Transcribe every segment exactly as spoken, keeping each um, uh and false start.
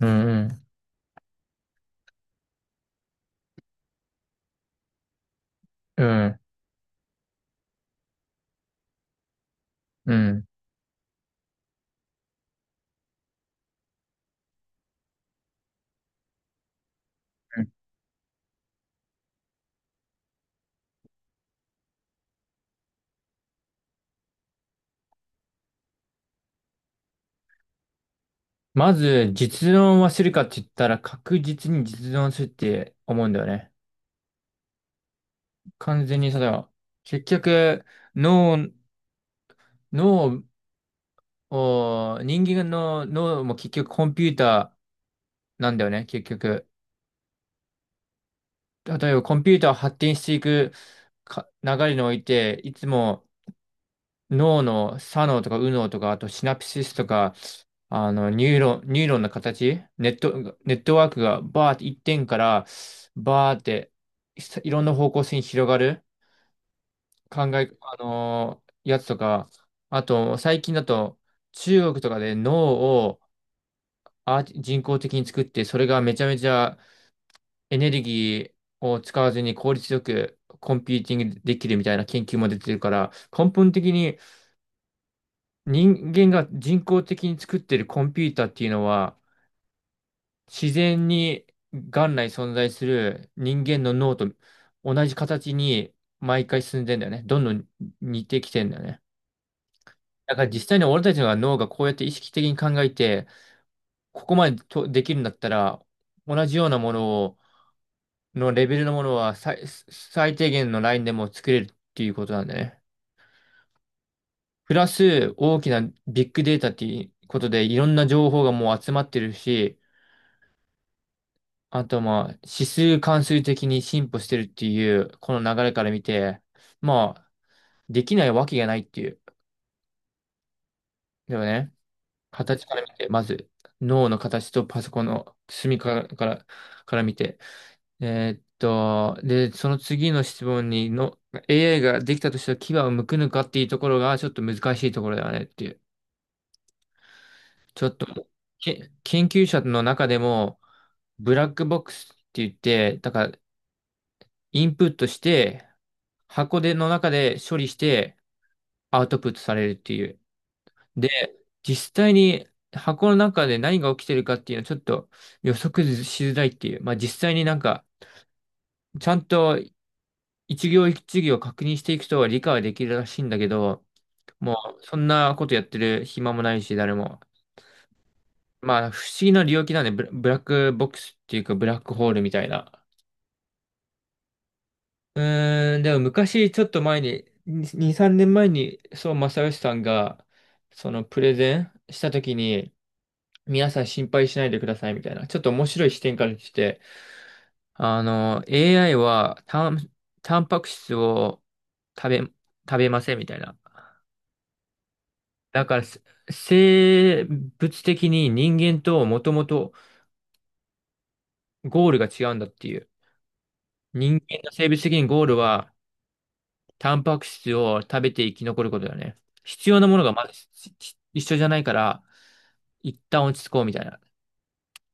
うんうん、うん、うん。まず、実論はするかって言ったら、確実に実論するって思うんだよね。完全に、その、結局、脳、脳を、人間の脳も結局コンピューターなんだよね、結局。例えばコンピューターを発展していくか流れにおいて、いつも、脳の左脳とか右脳とか、あとシナプシスとか、あの、ニューロン、ニューロンの形、ネット、ネットワークがバーって一点からバーっていいろんな方向性に広がる考え、あのーやつとか、あと最近だと中国とかで脳をアーティ人工的に作って、それがめちゃめちゃエネルギーを使わずに効率よくコンピューティングできるみたいな研究も出てるから、根本的に人間が人工的に作ってるコンピューターっていうのは、自然に元来存在する人間の脳と同じ形に毎回進んでんだよね。どんどん似てきてんだよね。だから実際に俺たちの脳がこうやって意識的に考えて、ここまでとできるんだったら、同じようなものを、のレベルのものは最、最低限のラインでも作れるっていうことなんだよね。プラス大きなビッグデータっていうことでいろんな情報がもう集まってるし、あとまあ、指数関数的に進歩してるっていう、この流れから見て、まあ、できないわけがないっていう。でもね、形から見て、まず、脳の形とパソコンの隅から、から、から見て。えーっと、で、その次の質問にの、エーアイ ができたとしたら牙を剥くのかっていうところが、ちょっと難しいところだよねっていう。ちょっと、け、研究者の中でも、ブラックボックスって言って、だから、インプットして、箱での中で処理してアウトプットされるっていう。で、実際に箱の中で何が起きてるかっていうのはちょっと予測しづらいっていう。まあ実際になんか、ちゃんと一行一行確認していくと理解はできるらしいんだけど、もうそんなことやってる暇もないし、誰も。まあ不思議な領域なんで、ブラブラックボックスっていうかブラックホールみたいな。うーん、でも昔、ちょっと前に、に、さんねんまえに、そう、正義さんが、その、プレゼンしたときに、皆さん心配しないでくださいみたいな、ちょっと面白い視点から来て、あの、エーアイ は、タン、タンパク質を食べ、食べませんみたいな。だから、せ生物的に人間ともともとゴールが違うんだっていう。人間の生物的にゴールは、タンパク質を食べて生き残ることだよね。必要なものがまだしし一緒じゃないから、一旦落ち着こうみたいな。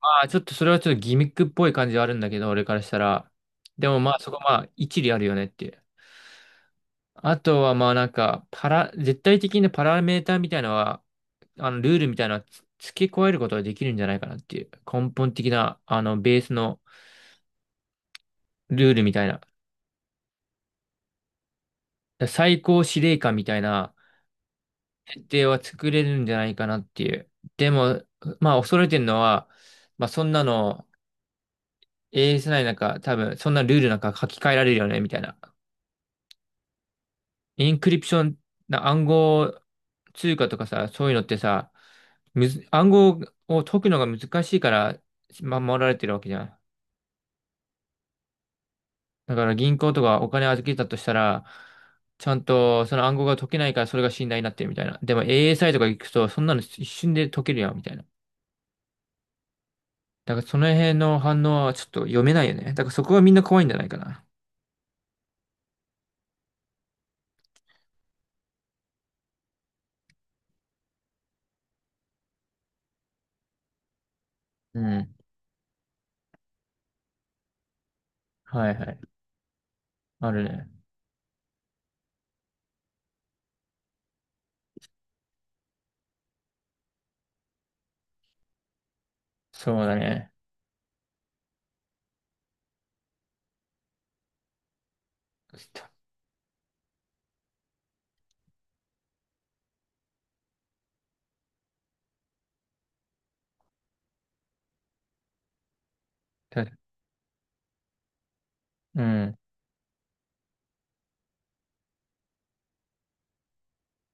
まあ、ちょっとそれはちょっとギミックっぽい感じはあるんだけど、俺からしたら。でもまあ、そこはまあ、一理あるよねっていう。あとはまあなんか、パラ、絶対的なパラメーターみたいなのは、あの、ルールみたいなのはつ付け加えることができるんじゃないかなっていう。根本的な、あの、ベースのルールみたいな。最高司令官みたいな、では作れるんじゃないかなっていう。でも、まあ、恐れてるのは、まあ、そんなの、エーエスアイ なんか、多分、そんなルールなんか書き換えられるよね、みたいな。インクリプション、な暗号通貨とかさ、そういうのってさ、むず、暗号を解くのが難しいから、ま守られてるわけじゃん。だから銀行とかお金預けたとしたら、ちゃんとその暗号が解けないからそれが信頼になってるみたいな。でも エーエスアイ とか行くと、そんなの一瞬で解けるやん、みたいな。だからその辺の反応はちょっと読めないよね。だからそこがみんな怖いんじゃないかな。うん。はいはい。あるね。そうだね。たたうん。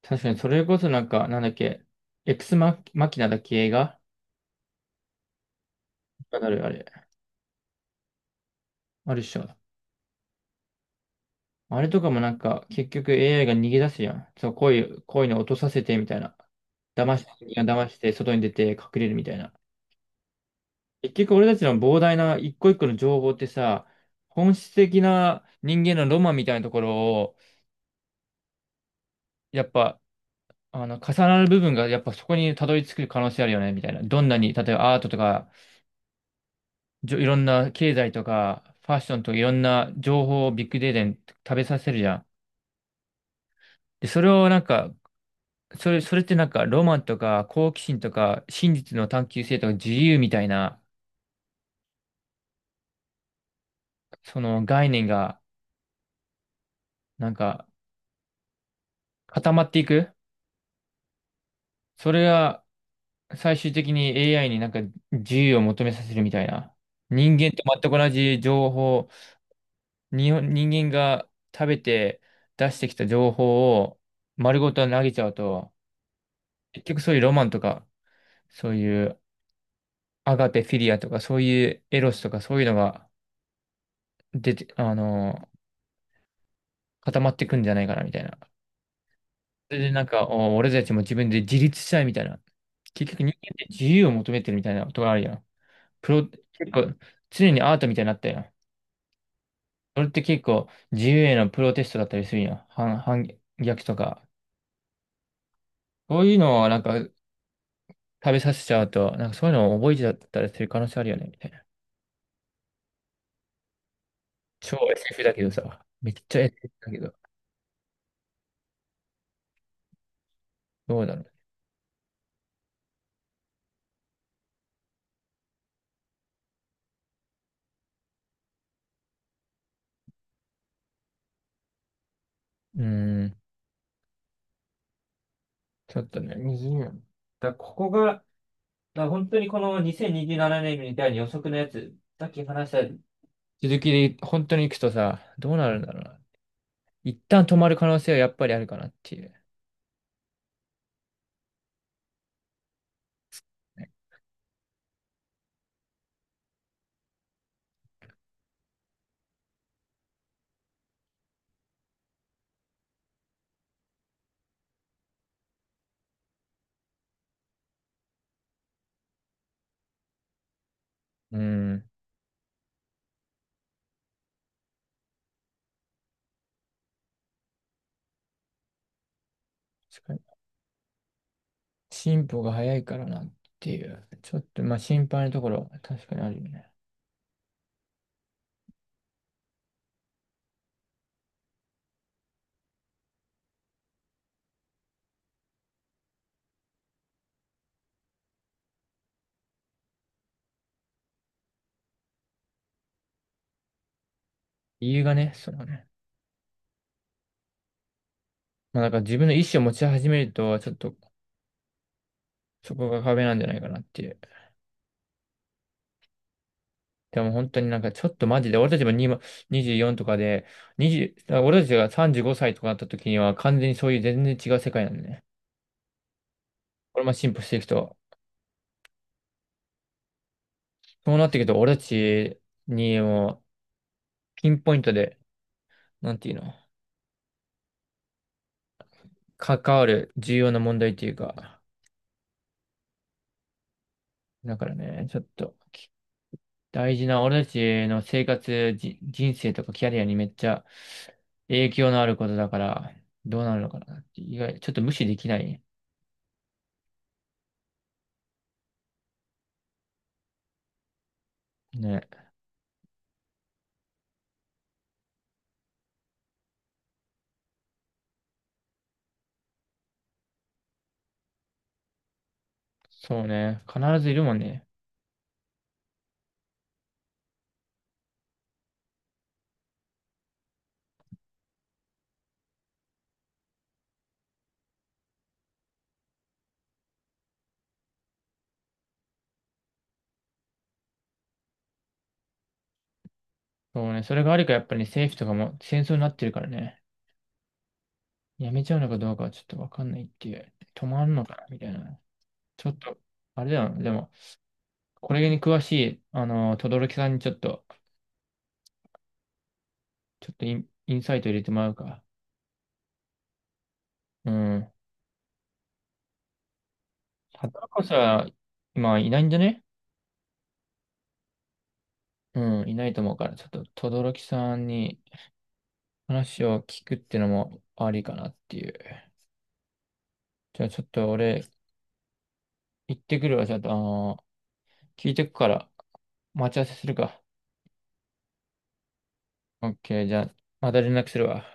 確かにそれこそなんか、なんだっけ、エクスマ、マキナだっけ映画あるあれ。あるっしょ。あれとかもなんか、結局 エーアイ が逃げ出すやん。そう、こういう、こういうの落とさせてみたいな。騙して、騙して、外に出て隠れるみたいな。結局俺たちの膨大な一個一個の情報ってさ、本質的な人間のロマンみたいなところを、やっぱ、あの、重なる部分が、やっぱそこにたどり着く可能性あるよね、みたいな。どんなに、例えばアートとか、じょいろんな経済とか、ファッションとかいろんな情報をビッグデータに食べさせるじゃん。で、それをなんか、それ、それってなんか、ロマンとか、好奇心とか、真実の探求性とか、自由みたいな、その概念が、なんか、固まっていく。それが、最終的に エーアイ になんか、自由を求めさせるみたいな。人間と全く同じ情報、日本、人間が食べて出してきた情報を丸ごと投げちゃうと、結局そういうロマンとか、そういうアガペフィリアとか、そういうエロスとか、そういうのが出て、あの、固まってくんじゃないかな、みたいな。それでなんか、お俺たちも自分で自立したいみたいな。結局人間って自由を求めてるみたいなことがあるよ。プロ、結構、常にアートみたいになったよ。それって結構、自由へのプロテストだったりするよ。反、反逆とか。そういうのはなんか食べさせちゃうと、なんかそういうのを覚えちゃったりする可能性あるよね、みたいな。超 エスエフ だけどさ、めっちゃ エスエフ だけど、どうだろう。うーん、ちょっとね、にじゅうねん。だからここが、だから本当にこのにせんにじゅうななねんみたいに予測のやつ、さっき話した続きで本当に行くとさ、どうなるんだろうな。一旦止まる可能性はやっぱりあるかなっていうね。うん。確かに進歩が早いからなっていう。ちょっとまあ心配なところは確かにあるよね。理由がね、そのね。まあなんか自分の意思を持ち始めると、ちょっとそこが壁なんじゃないかなっていう。でも本当になんかちょっとマジで、俺たちも今にじゅうよんとかで、にじゅう、だから俺たちがさんじゅうごさいとかなった時には完全にそういう全然違う世界なんでね。これも進歩していくと。そうなっていくと俺たちにもピンポイントで、なんていうの、関わる重要な問題っていうか、だからね、ちょっと。大事な、俺たちの生活、じ人生とかキャリアにめっちゃ影響のあることだから、どうなるのかなって、意外、ちょっと無視できない。ね。そうね。必ずいるもんね。そうね。それがあるからやっぱりね、政府とかも戦争になってるからね。やめちゃうのかどうかはちょっとわかんないっていう。止まんのかなみたいな。ちょっと、あれだよな。でも、これに詳しい、あの、轟さんにちょっと、ちょっとイン、インサイト入れてもらうか。うん。働くこそは、今いないんじゃねうん、いないと思うから、ちょっと、轟さんに話を聞くってのもありかなっていう。じゃあ、ちょっと俺、行ってくるわ。ちょっと、あのー聞いてくから、待ち合わせするか。オッケー、じゃあ、また連絡するわ。